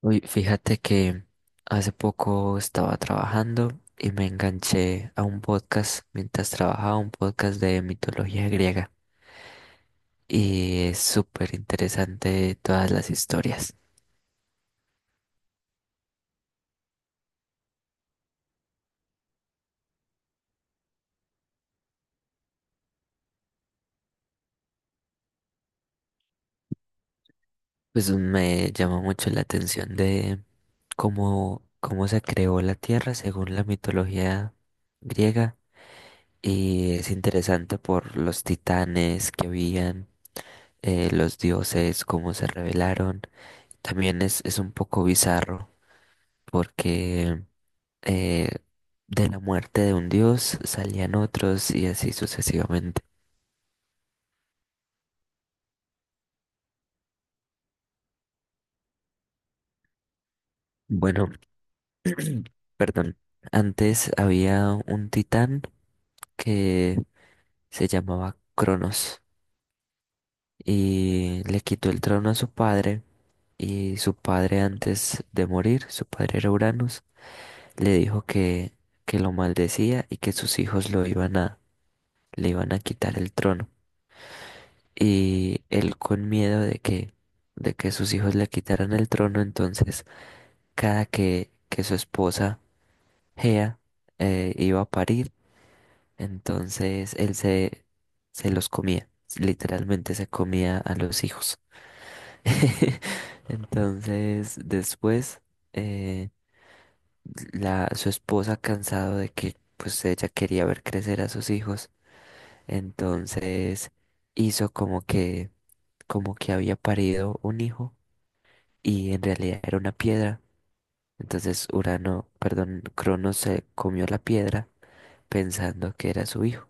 Uy, fíjate que hace poco estaba trabajando y me enganché a un podcast mientras trabajaba, un podcast de mitología griega. Y es súper interesante todas las historias. Pues me llamó mucho la atención de cómo se creó la Tierra según la mitología griega. Y es interesante por los titanes que habían, los dioses, cómo se revelaron. También es un poco bizarro porque eh, de la muerte de un dios salían otros y así sucesivamente. Bueno, perdón, antes había un titán que se llamaba Cronos y le quitó el trono a su padre y su padre antes de morir, su padre era Uranus, le dijo que lo maldecía y que sus hijos lo iban le iban a quitar el trono. Y él con miedo de de que sus hijos le quitaran el trono, entonces cada que su esposa Gea iba a parir, entonces se los comía, literalmente se comía a los hijos. Entonces después, eh, la, su esposa cansado de que pues ella quería ver crecer a sus hijos, entonces hizo como que había parido un hijo y en realidad era una piedra. Entonces Cronos se comió la piedra pensando que era su hijo.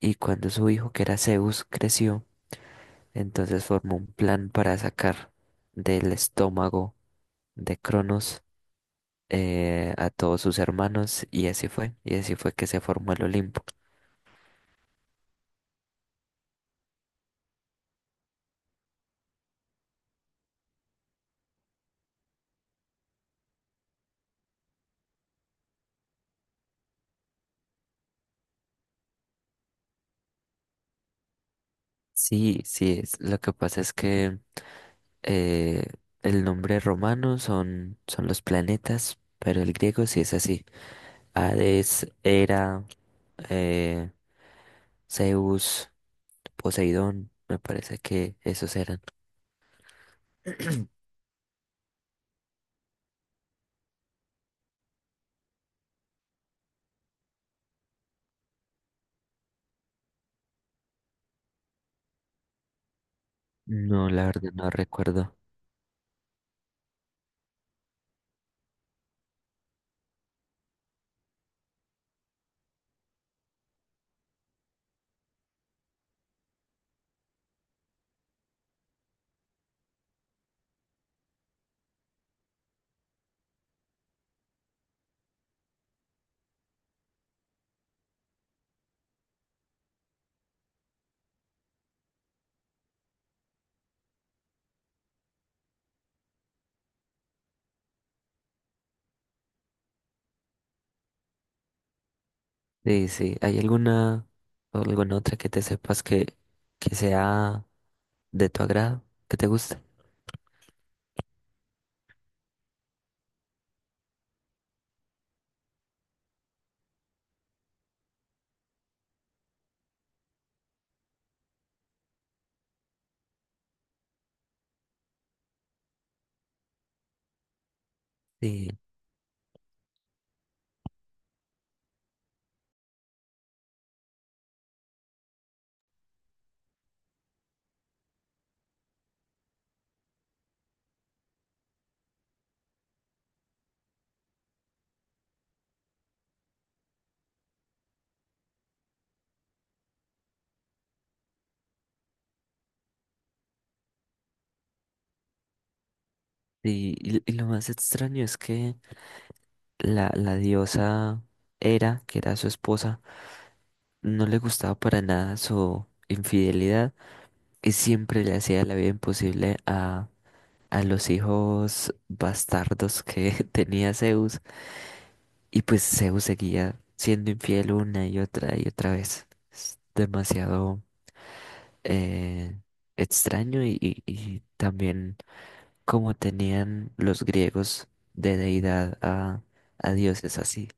Y cuando su hijo, que era Zeus, creció, entonces formó un plan para sacar del estómago de Cronos, a todos sus hermanos y así fue. Y así fue que se formó el Olimpo. Sí, sí, lo que pasa es que eh, el nombre romano son los planetas, pero el griego sí es así. Hades, Hera, eh, Zeus, Poseidón, me parece que esos eran. No, la verdad no recuerdo. Sí, sí, ¿hay alguna o alguna otra que te sepas que sea de tu agrado, que te guste? Sí, sí, y lo más extraño es que la diosa Hera, que era su esposa, no le gustaba para nada su infidelidad y siempre le hacía la vida imposible a los hijos bastardos que tenía Zeus. Y pues Zeus seguía siendo infiel una y otra vez. Es demasiado eh, extraño y también como tenían los griegos de deidad a dioses así.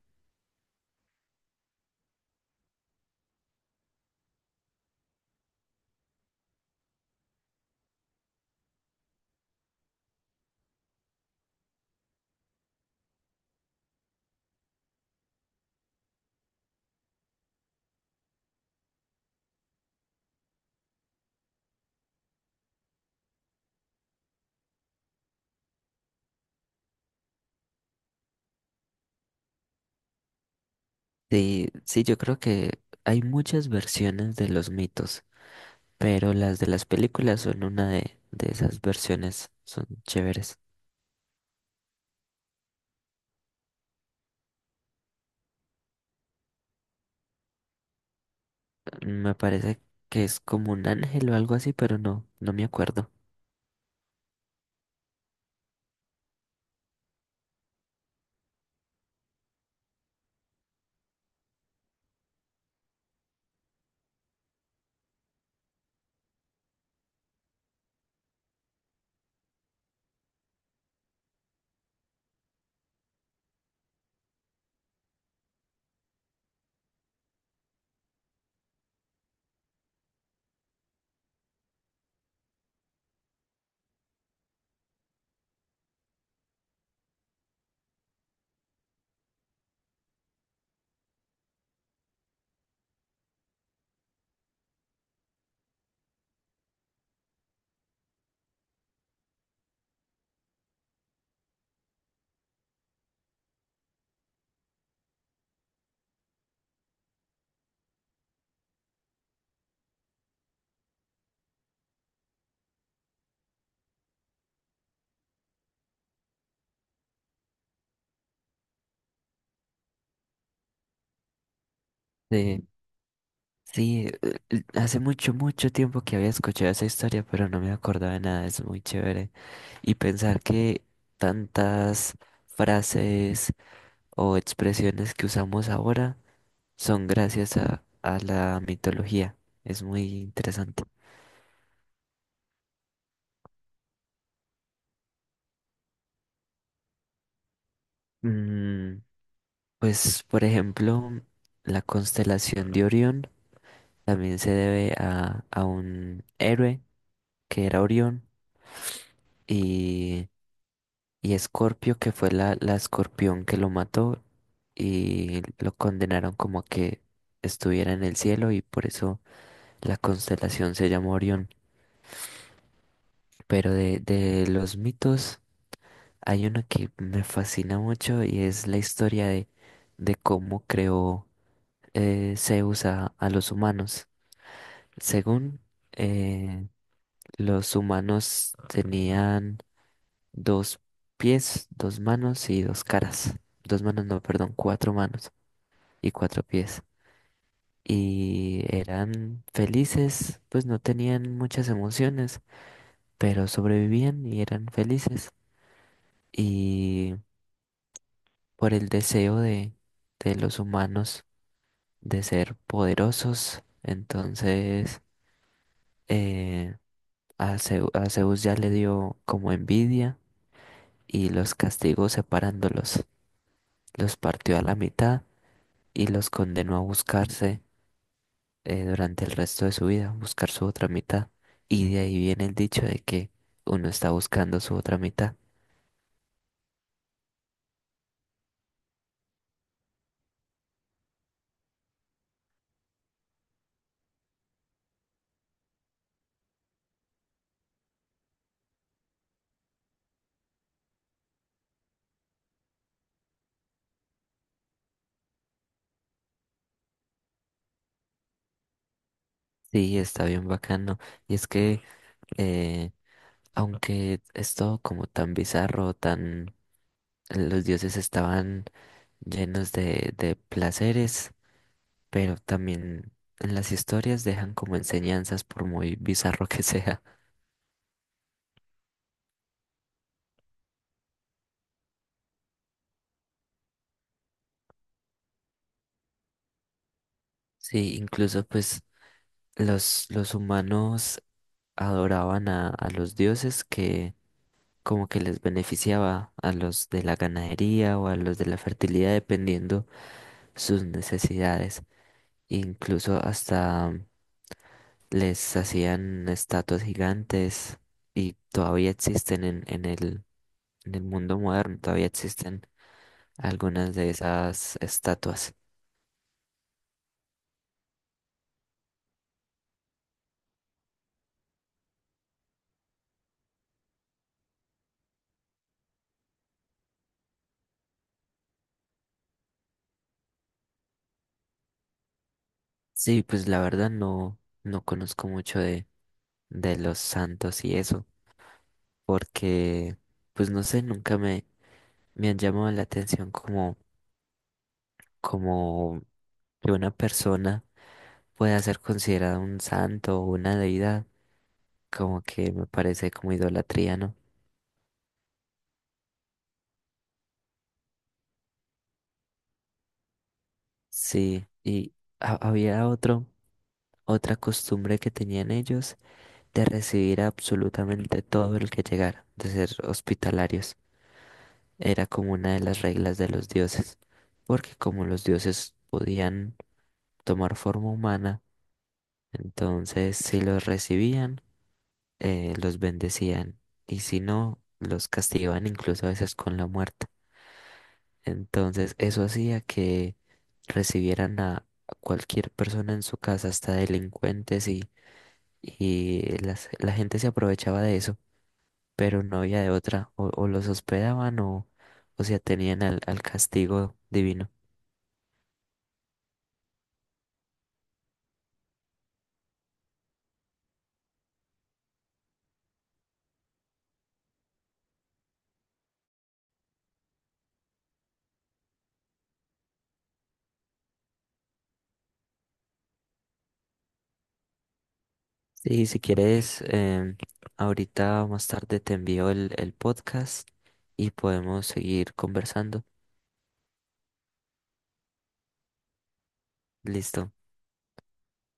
Sí, sí, yo creo que hay muchas versiones de los mitos, pero las de las películas son una de esas versiones, son chéveres. Me parece que es como un ángel o algo así, pero no me acuerdo. Sí. Sí, hace mucho, mucho tiempo que había escuchado esa historia, pero no me acordaba de nada, es muy chévere. Y pensar que tantas frases o expresiones que usamos ahora son gracias a la mitología, es muy interesante. Mm, pues, por ejemplo, la constelación de Orión también se debe a un héroe que era Orión y... Y Escorpio, que fue la escorpión que lo mató y lo condenaron como a que estuviera en el cielo y por eso la constelación se llama Orión. Pero de los mitos hay uno que me fascina mucho y es la historia de cómo creó Zeus a los humanos. Según eh, los humanos tenían dos pies, dos manos y dos caras. Dos manos, no, perdón, cuatro manos. Y cuatro pies. Y eran felices, pues no tenían muchas emociones, pero sobrevivían y eran felices. Y por el deseo de, los humanos de ser poderosos, entonces, eh, a Zeus ya le dio como envidia y los castigó separándolos. Los partió a la mitad y los condenó a buscarse, durante el resto de su vida, buscar su otra mitad. Y de ahí viene el dicho de que uno está buscando su otra mitad. Sí, está bien bacano. Y es que, eh, aunque es todo como tan bizarro, tan... Los dioses estaban llenos de placeres, pero también en las historias dejan como enseñanzas por muy bizarro que sea. Sí, incluso pues los humanos adoraban a los dioses que como que les beneficiaba a los de la ganadería o a los de la fertilidad, dependiendo sus necesidades. Incluso hasta les hacían estatuas gigantes y todavía existen en el mundo moderno, todavía existen algunas de esas estatuas. Sí, pues la verdad no, no conozco mucho de los santos y eso, porque pues no sé, nunca me, me han llamado la atención como, como que una persona pueda ser considerada un santo o una deidad, como que me parece como idolatría, ¿no? Sí, y había otro, otra costumbre que tenían ellos de recibir absolutamente todo el que llegara, de ser hospitalarios. Era como una de las reglas de los dioses, porque como los dioses podían tomar forma humana, entonces si los recibían, los bendecían y si no, los castigaban incluso a veces con la muerte. Entonces eso hacía que recibieran a cualquier persona en su casa, hasta delincuentes y la gente se aprovechaba de eso, pero no había de otra, o los hospedaban o se atenían al castigo divino. Sí, si quieres, ahorita más tarde te envío el podcast y podemos seguir conversando. Listo.